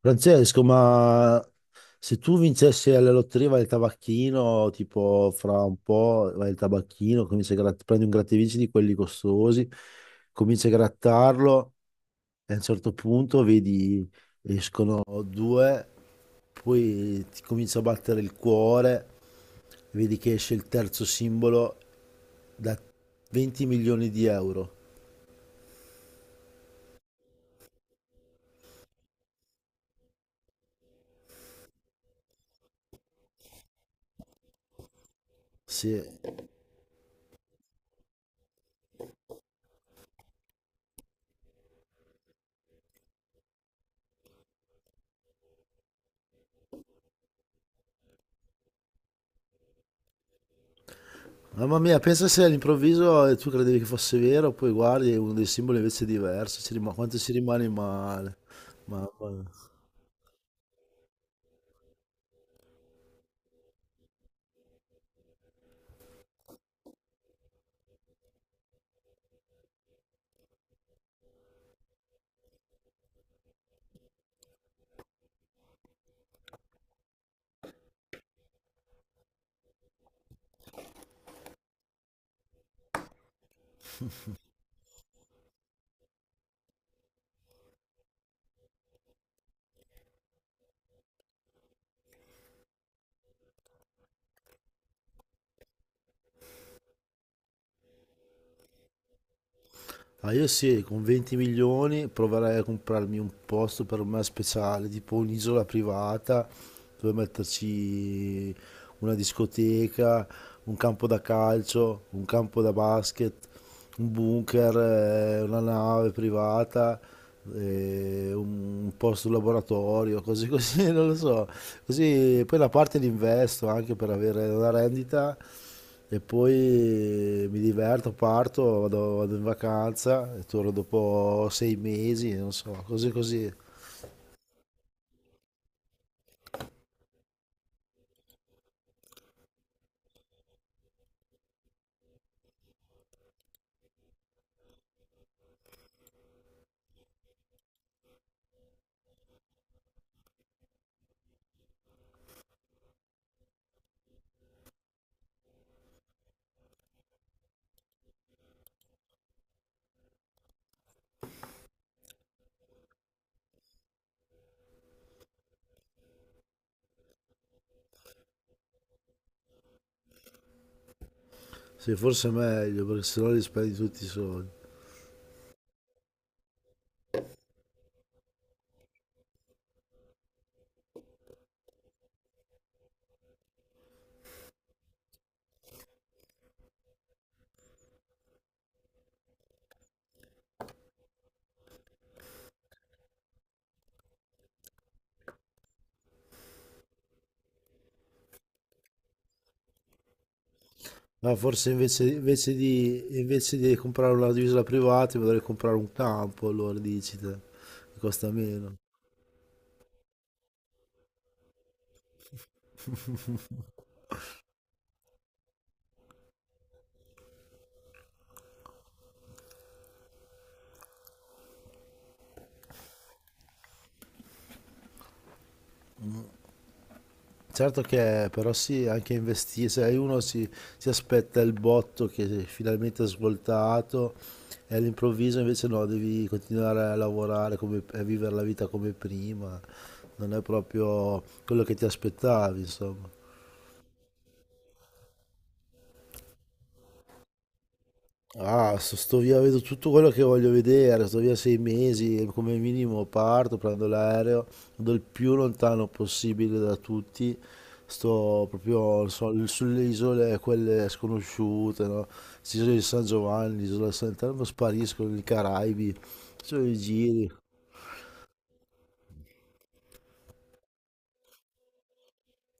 Francesco, ma se tu vincessi alla lotteria vai al tabacchino, tipo fra un po' vai al tabacchino, cominci a gratt- prendi un grattevinci di quelli costosi, cominci a grattarlo e a un certo punto vedi escono due, poi ti comincia a battere il cuore, vedi che esce il terzo simbolo da 20 milioni di euro. Sì. Mamma mia, pensa se all'improvviso tu credevi che fosse vero, poi guardi e uno dei simboli invece è diverso, si rima- quanto si rimane male. Mamma mia. Ah, io sì, con 20 milioni proverei a comprarmi un posto per me speciale, tipo un'isola privata dove metterci una discoteca, un campo da calcio, un campo da basket, un bunker, una nave privata, un posto laboratorio, cose così, non lo so. Così poi la parte l'investo anche per avere una rendita e poi mi diverto, parto, vado, vado in vacanza e torno dopo 6 mesi, non so, così così. Sì, forse è meglio perché sennò li spendi tutti i soldi. Ma forse invece, invece di comprare una divisa privata mi dovrei comprare un campo, allora dici te, che costa meno. Certo che però sì, anche investire, se uno si, si aspetta il botto che finalmente è finalmente svoltato e all'improvviso invece no, devi continuare a lavorare come- e a vivere la vita come prima, non è proprio quello che ti aspettavi, insomma. Ah, sto via, vedo tutto quello che voglio vedere, sto via 6 mesi, come minimo parto, prendo l'aereo, vado il più lontano possibile da tutti, sto proprio non so, sulle isole, quelle sconosciute, no? L'isola di San Giovanni, l'isola di Sant'Elmo, sparisco, nei Caraibi, faccio dei giri.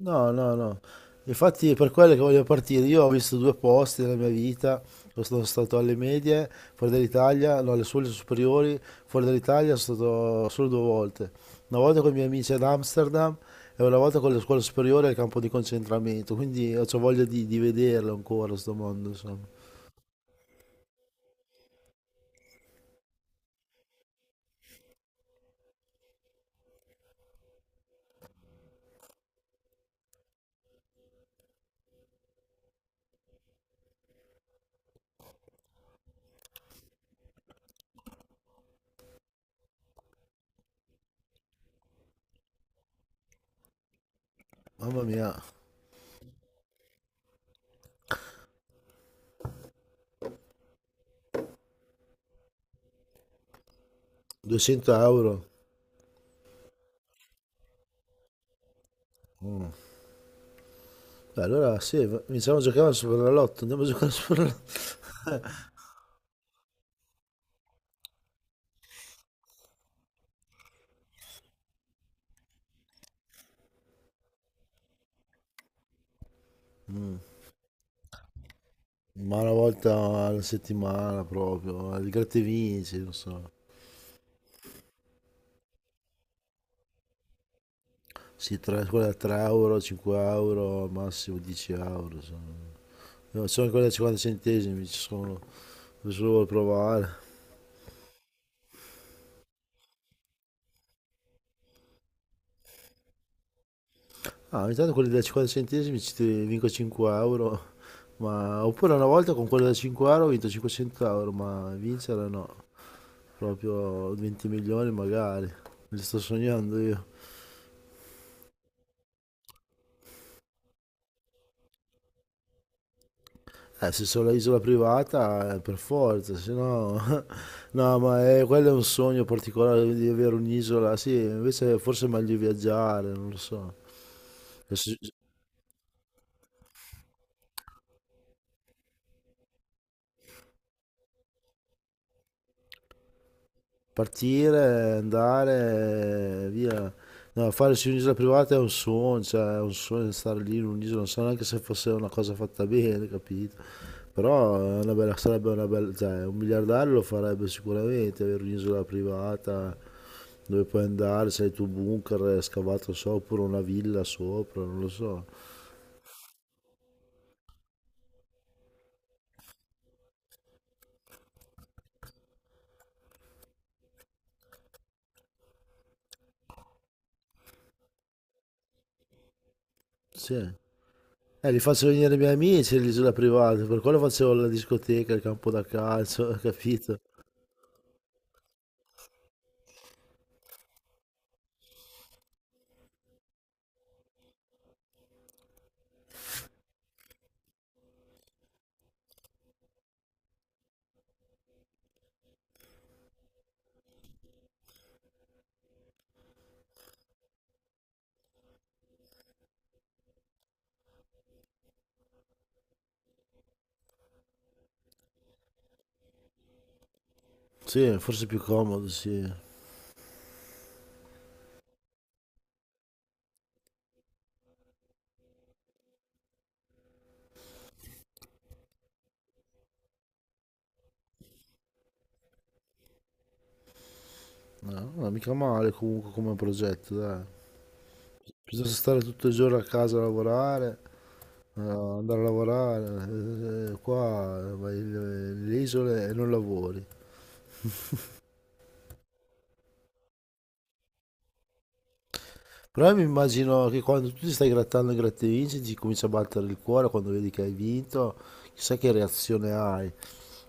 No, no, no. Infatti è per quello che voglio partire. Io ho visto due posti nella mia vita. Io sono stato alle medie, fuori dall'Italia, no, alle scuole superiori, fuori dall'Italia sono stato solo due volte. Una volta con i miei amici ad Amsterdam e una volta con le scuole superiori al campo di concentramento. Quindi ho c'ho voglia di vederlo ancora, sto mondo, insomma. Mamma mia, 200 euro. Mm. Beh, allora sì, iniziamo a giocare al Superenalotto. Andiamo a giocare al Superenalotto. Ma una volta alla settimana proprio, il gratta e vinci, non so. Sì, tre, quella da 3 euro, 5 euro, al massimo 10 euro. Sono, sono quelle da 50 centesimi, ci sono, se solo vuoi provare. Ah, ogni tanto quelli da 50 centesimi ci ti vinco 5 euro, ma... Oppure una volta con quello da 5 euro ho vinto 500 euro, ma vincere no. Proprio 20 milioni magari, me li sto sognando io. Se sono l'isola privata, per forza, se no... No, ma è, quello è un sogno particolare di avere un'isola, sì, invece forse è meglio viaggiare, non lo so. Adesso- Partire, andare, via. No, fare su un'isola privata è un sogno, cioè è un sogno stare lì in un'isola, non so neanche se fosse una cosa fatta bene, capito? Però è una bella- sarebbe una bella, cioè un miliardario lo farebbe sicuramente, avere un'isola privata dove puoi andare, se hai il tuo bunker scavato sopra, oppure una villa sopra, non lo so. Sì. Li faccio venire i miei amici all'isola privata, per quello facevo la discoteca, il campo da calcio, capito? Sì, forse è più comodo, sì. No, no, mica male comunque come progetto, dai. Piuttosto stare tutto il giorno a casa a lavorare, andare a lavorare, qua vai nelle isole e non lavori. Però io mi immagino che quando tu ti stai grattando e gratte vinci, ti comincia a battere il cuore quando vedi che hai vinto, chissà che reazione hai.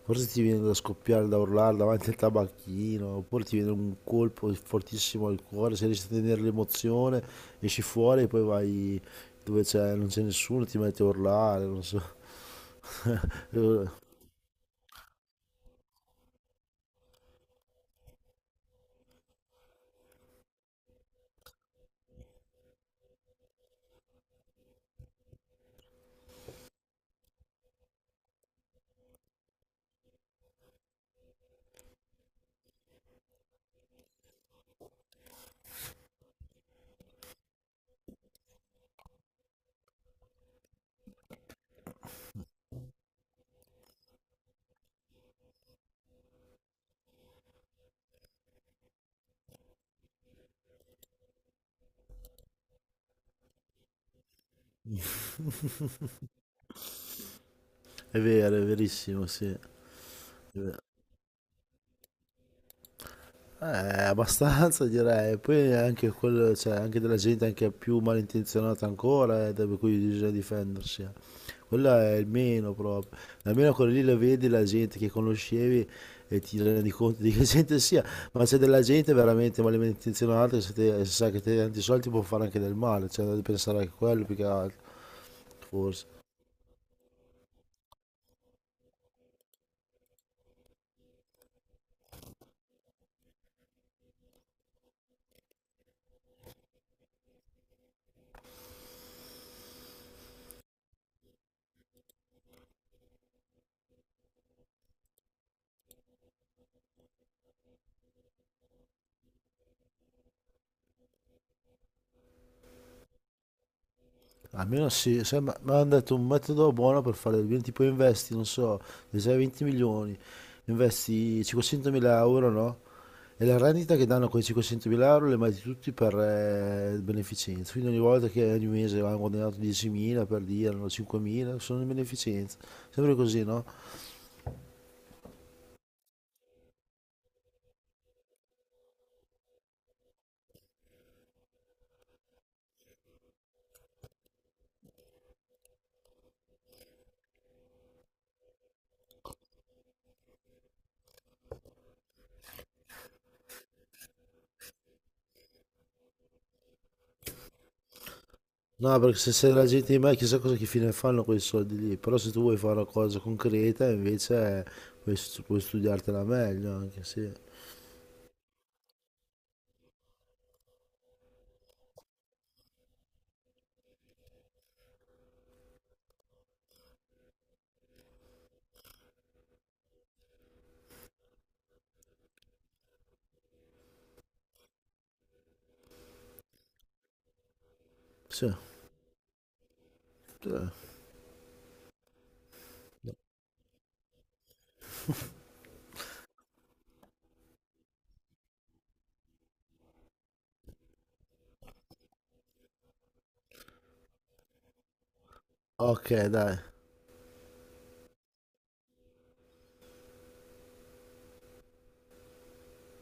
Forse ti viene da scoppiare, da urlare davanti al tabacchino, oppure ti viene un colpo fortissimo al cuore, se riesci a tenere l'emozione, esci fuori e poi vai dove c'è, non c'è nessuno, ti metti a urlare, non so. È vero, è verissimo, sì. Abbastanza direi, poi anche quello, cioè, anche della gente anche più malintenzionata ancora, da per cui bisogna difendersi. Eh. Quello è il meno proprio. Almeno quello lì lo vedi la gente che conoscevi e ti rendi conto di che gente sia, ma c'è della gente veramente malintenzionata che se, te- se sa che te tanti soldi può fare anche del male, cioè devi pensare anche a quello più che altro, forse. Almeno sì, se- ma mi hanno detto un metodo buono per fare il bene, tipo investi, non so, se hai 20 milioni, investi 500.000 euro, no? E la rendita che danno quei 500.000 euro le metti tutti per beneficenza, quindi ogni volta che ogni mese hanno guadagnato 10.000 per dire, no, 5.000, sono in beneficenza, sempre così, no? No, perché se sei la gente di me chissà cosa che fine fanno quei soldi lì, però se tu vuoi fare una cosa concreta invece puoi, stu- puoi studiartela meglio anche, sì. Sì. Eh. Ok, dai.